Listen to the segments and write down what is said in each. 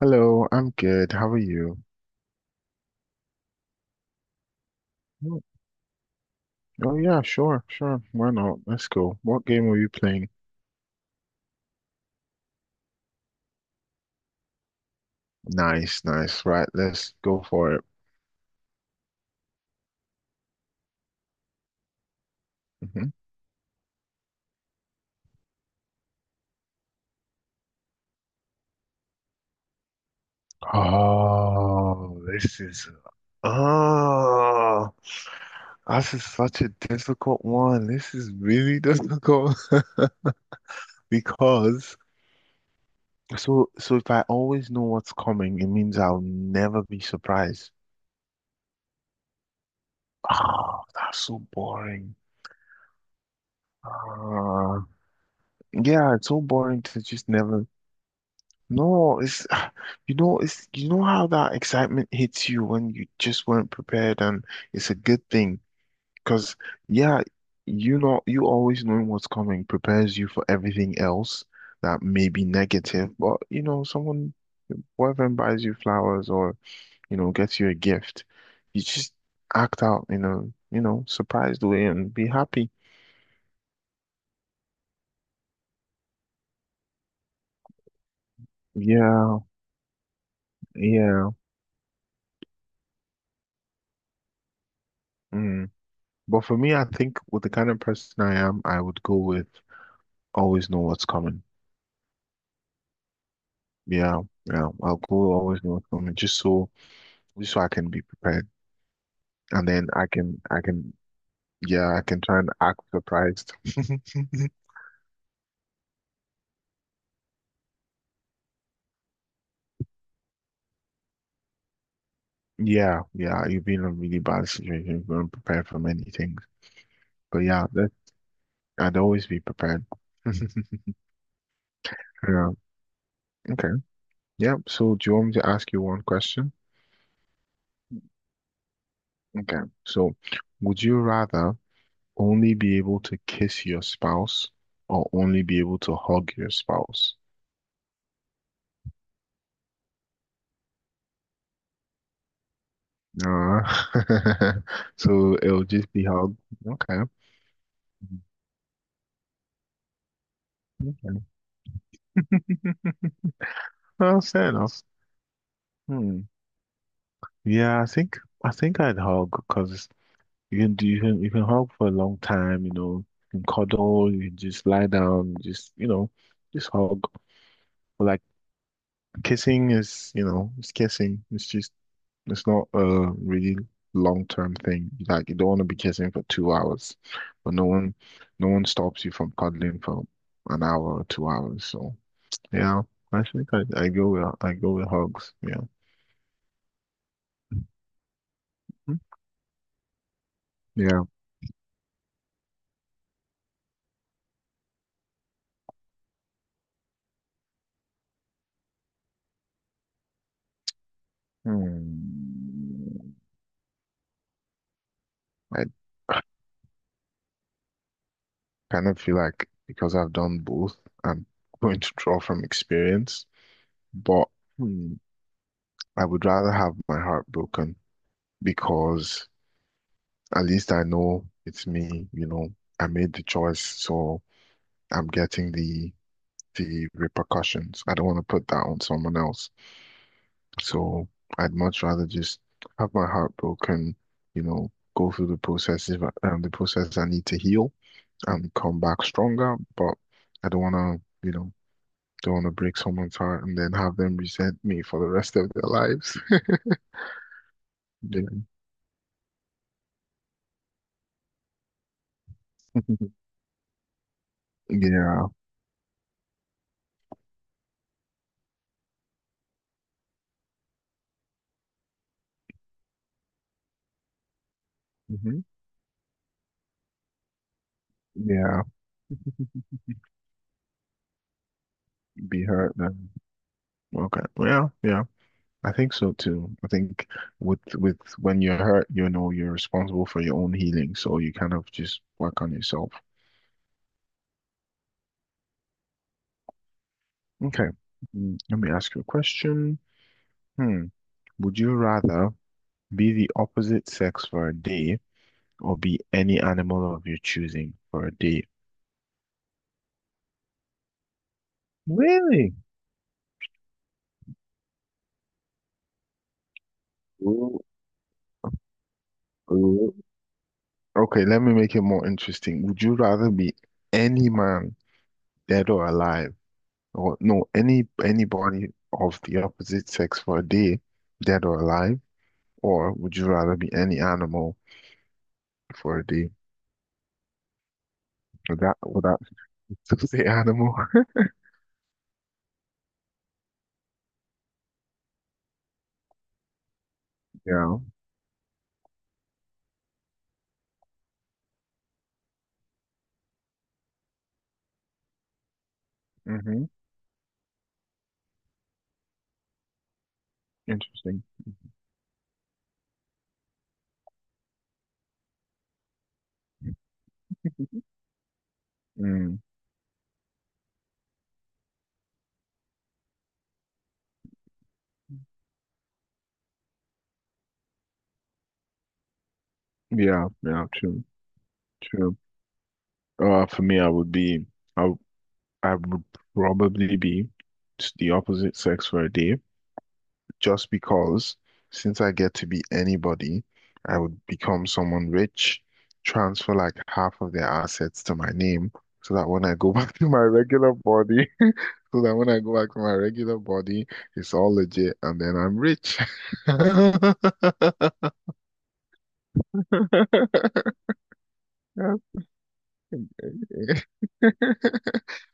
Hello, I'm good. How are you? "Oh, oh, yeah, sure, sure. Why not? Let's go. What game are you playing? Nice, nice. Right, let's go for it. Hmm. Oh, this is oh, this is such a difficult one. This is really difficult because so if I always know what's coming, it means I'll never be surprised. Oh, that's so boring. Uh, yeah, it's so boring to just never. No, it's it's, you know how that excitement hits you when you just weren't prepared. And it's a good thing because, yeah, you always knowing what's coming prepares you for everything else that may be negative. But, someone, boyfriend buys you flowers, or gets you a gift, you just act out in a surprised way and be happy. Yeah, yeah. Mm. But for me, I think with the kind of person I am, I would go with always know what's coming. Yeah, yeah. I'll go always know what's coming just so I can be prepared. And then I can, yeah, I can try and act surprised. Yeah, yeah. You've been in a really bad situation. You weren't prepared for many things. But yeah, that, I'd always be prepared. Yeah. Okay. Yeah. So do you want me to ask you one question? Okay. So would you rather only be able to kiss your spouse or only be able to hug your spouse? Uh, so it'll just be how. Okay. Okay. Well, fair enough. Hmm. Yeah, I think I'd hug because you can hug for a long time, you know, you can cuddle, you can just lie down, just, just hug. But like kissing is, it's kissing. It's just, it's not a really long term thing. Like you don't want to be kissing for 2 hours, but no one stops you from cuddling for an hour or 2 hours. So. Yeah, I, think I go with hugs. Yeah. Mhm. Yeah. Hmm. I kind of feel like because I've done both, I'm going to draw from experience. But, hmm, I would rather have my heart broken because at least I know it's me. You know, I made the choice, so I'm getting the repercussions. I don't want to put that on someone else. So I'd much rather just have my heart broken, you know, go through the process if I, the process I need to heal and come back stronger. But I don't want to, you know, don't want to break someone's heart and then have them resent me for the rest of their lives. Yeah. Yeah. Hmm. Yeah. Be hurt then. Okay. Yeah. Yeah. I think so too. I think with when you're hurt, you know you're responsible for your own healing, so you kind of just work on yourself. Okay. Let me ask you a question. Hmm. Would you rather be the opposite sex for a day or be any animal of your choosing for a day? Really? Ooh, ooh. Okay, let me make it more interesting. Would you rather be any man, dead or alive, or no, anybody of the opposite sex for a day, dead or alive, or would you rather be any animal for a day? Would that still say animal? Yeah. Mm-hmm. Interesting. Mm, yeah, yeah, true, true. For me, I, w- I would probably be the opposite sex for a day, just because since I get to be anybody, I would become someone rich, transfer like half of their assets to my name, so that when I go back to my regular body, so that when I go back to my regular body, it's all legit, and then I'm rich.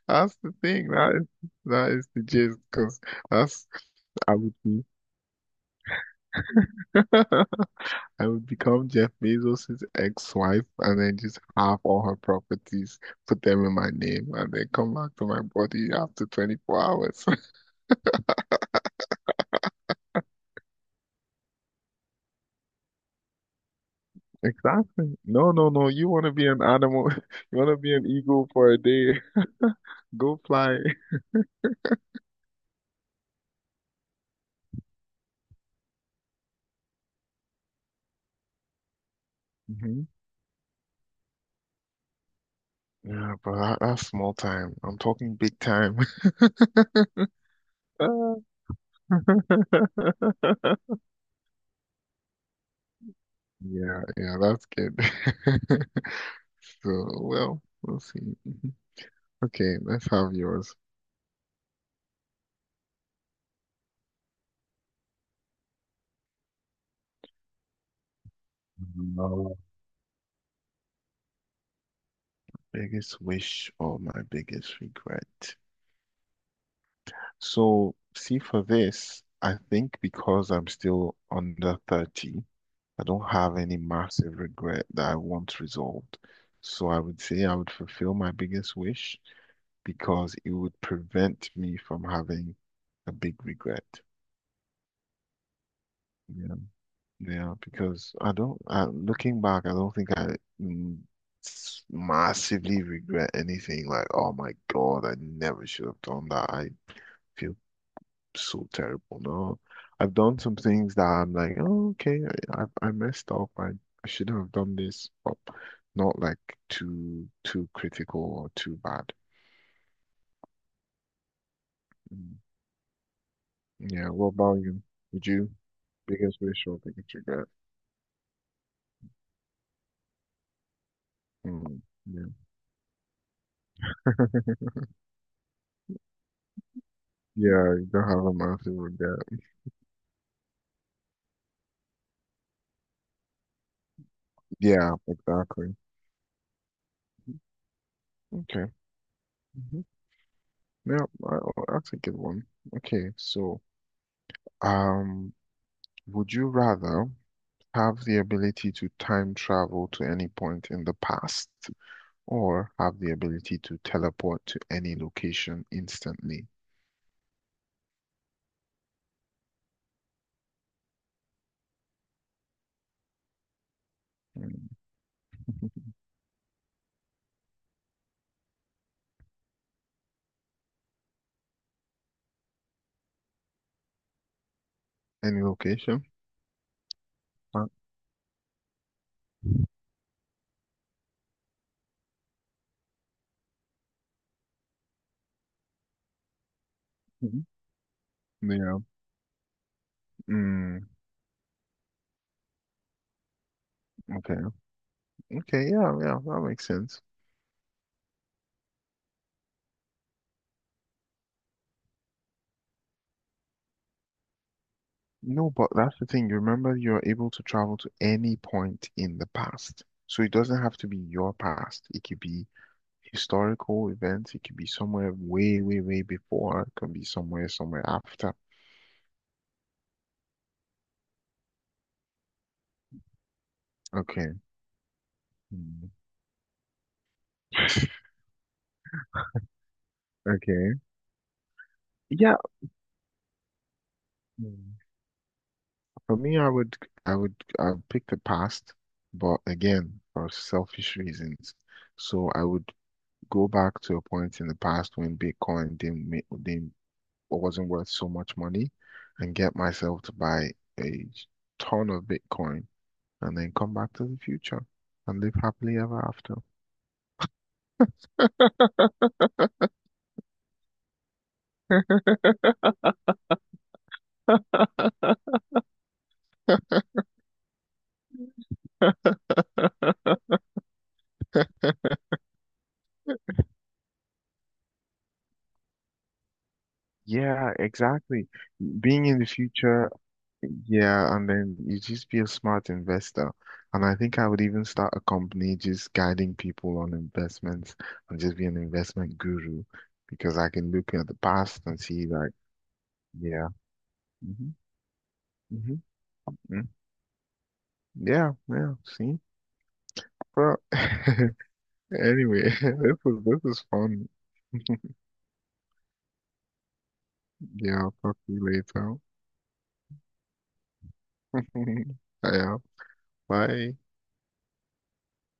That's the thing. That is the gist. Because that's I would be I would become Jeff Bezos's ex-wife and then just have all her properties, put them in my name, and then come back to my body after 24 hours. Exactly. No, no, no. You want to be an animal? You want to be an eagle for a day? Go fly. Hmm. Yeah, but that's small time. I'm talking big time. Ah. Yeah, yeah, that's good. So, well, we'll see. Mhm. Okay, let's have yours. No. Biggest wish or my biggest regret. So, see, for this, I think because I'm still under 30, I don't have any massive regret that I want resolved. So, I would say I would fulfill my biggest wish because it would prevent me from having a big regret. Yeah. Yeah, because I don't, I, looking back, I don't think I mm, massively regret anything like, oh my God, I never should have done that. I feel so terrible. No, I've done some things that I'm like, oh, okay, I messed up. I shouldn't have done this, but not like too, too critical or too bad. Mm. Yeah, what about you? Would you? Biggest wish or biggest regret? Mm, yeah. Yeah, you don't have a massive regret. Yeah, exactly. Okay. Hmm. Yeah, I, I'll take it one. Okay, so um, would you rather have the ability to time travel to any point in the past or have the ability to teleport to any location instantly? Mm. Any location? Uh, mhm. Yeah. Mm, okay. Okay. Yeah. Yeah. That makes sense. No, but that's the thing. You remember you're able to travel to any point in the past. So it doesn't have to be your past. It could be historical events. It could be somewhere way, way, way before. It could be somewhere, somewhere after. Okay. Hmm. Okay. Yeah. Mm. For me, I would pick the past, but again, for selfish reasons. So I would go back to a point in the past when Bitcoin didn't make, didn't what wasn't worth so much money, and get myself to buy a ton of Bitcoin and then come back to the future and live happily ever after. Yeah, exactly. Being in the future, yeah, and then you just be a smart investor. And I think I would even start a company just guiding people on investments and just be an investment guru because I can look at the past and see, like, yeah. Hmm. Hmm. Mm. Yeah, yeah, see? Bro. Anyway, this is fun. Yeah, I'll talk to you later. Yeah, bye.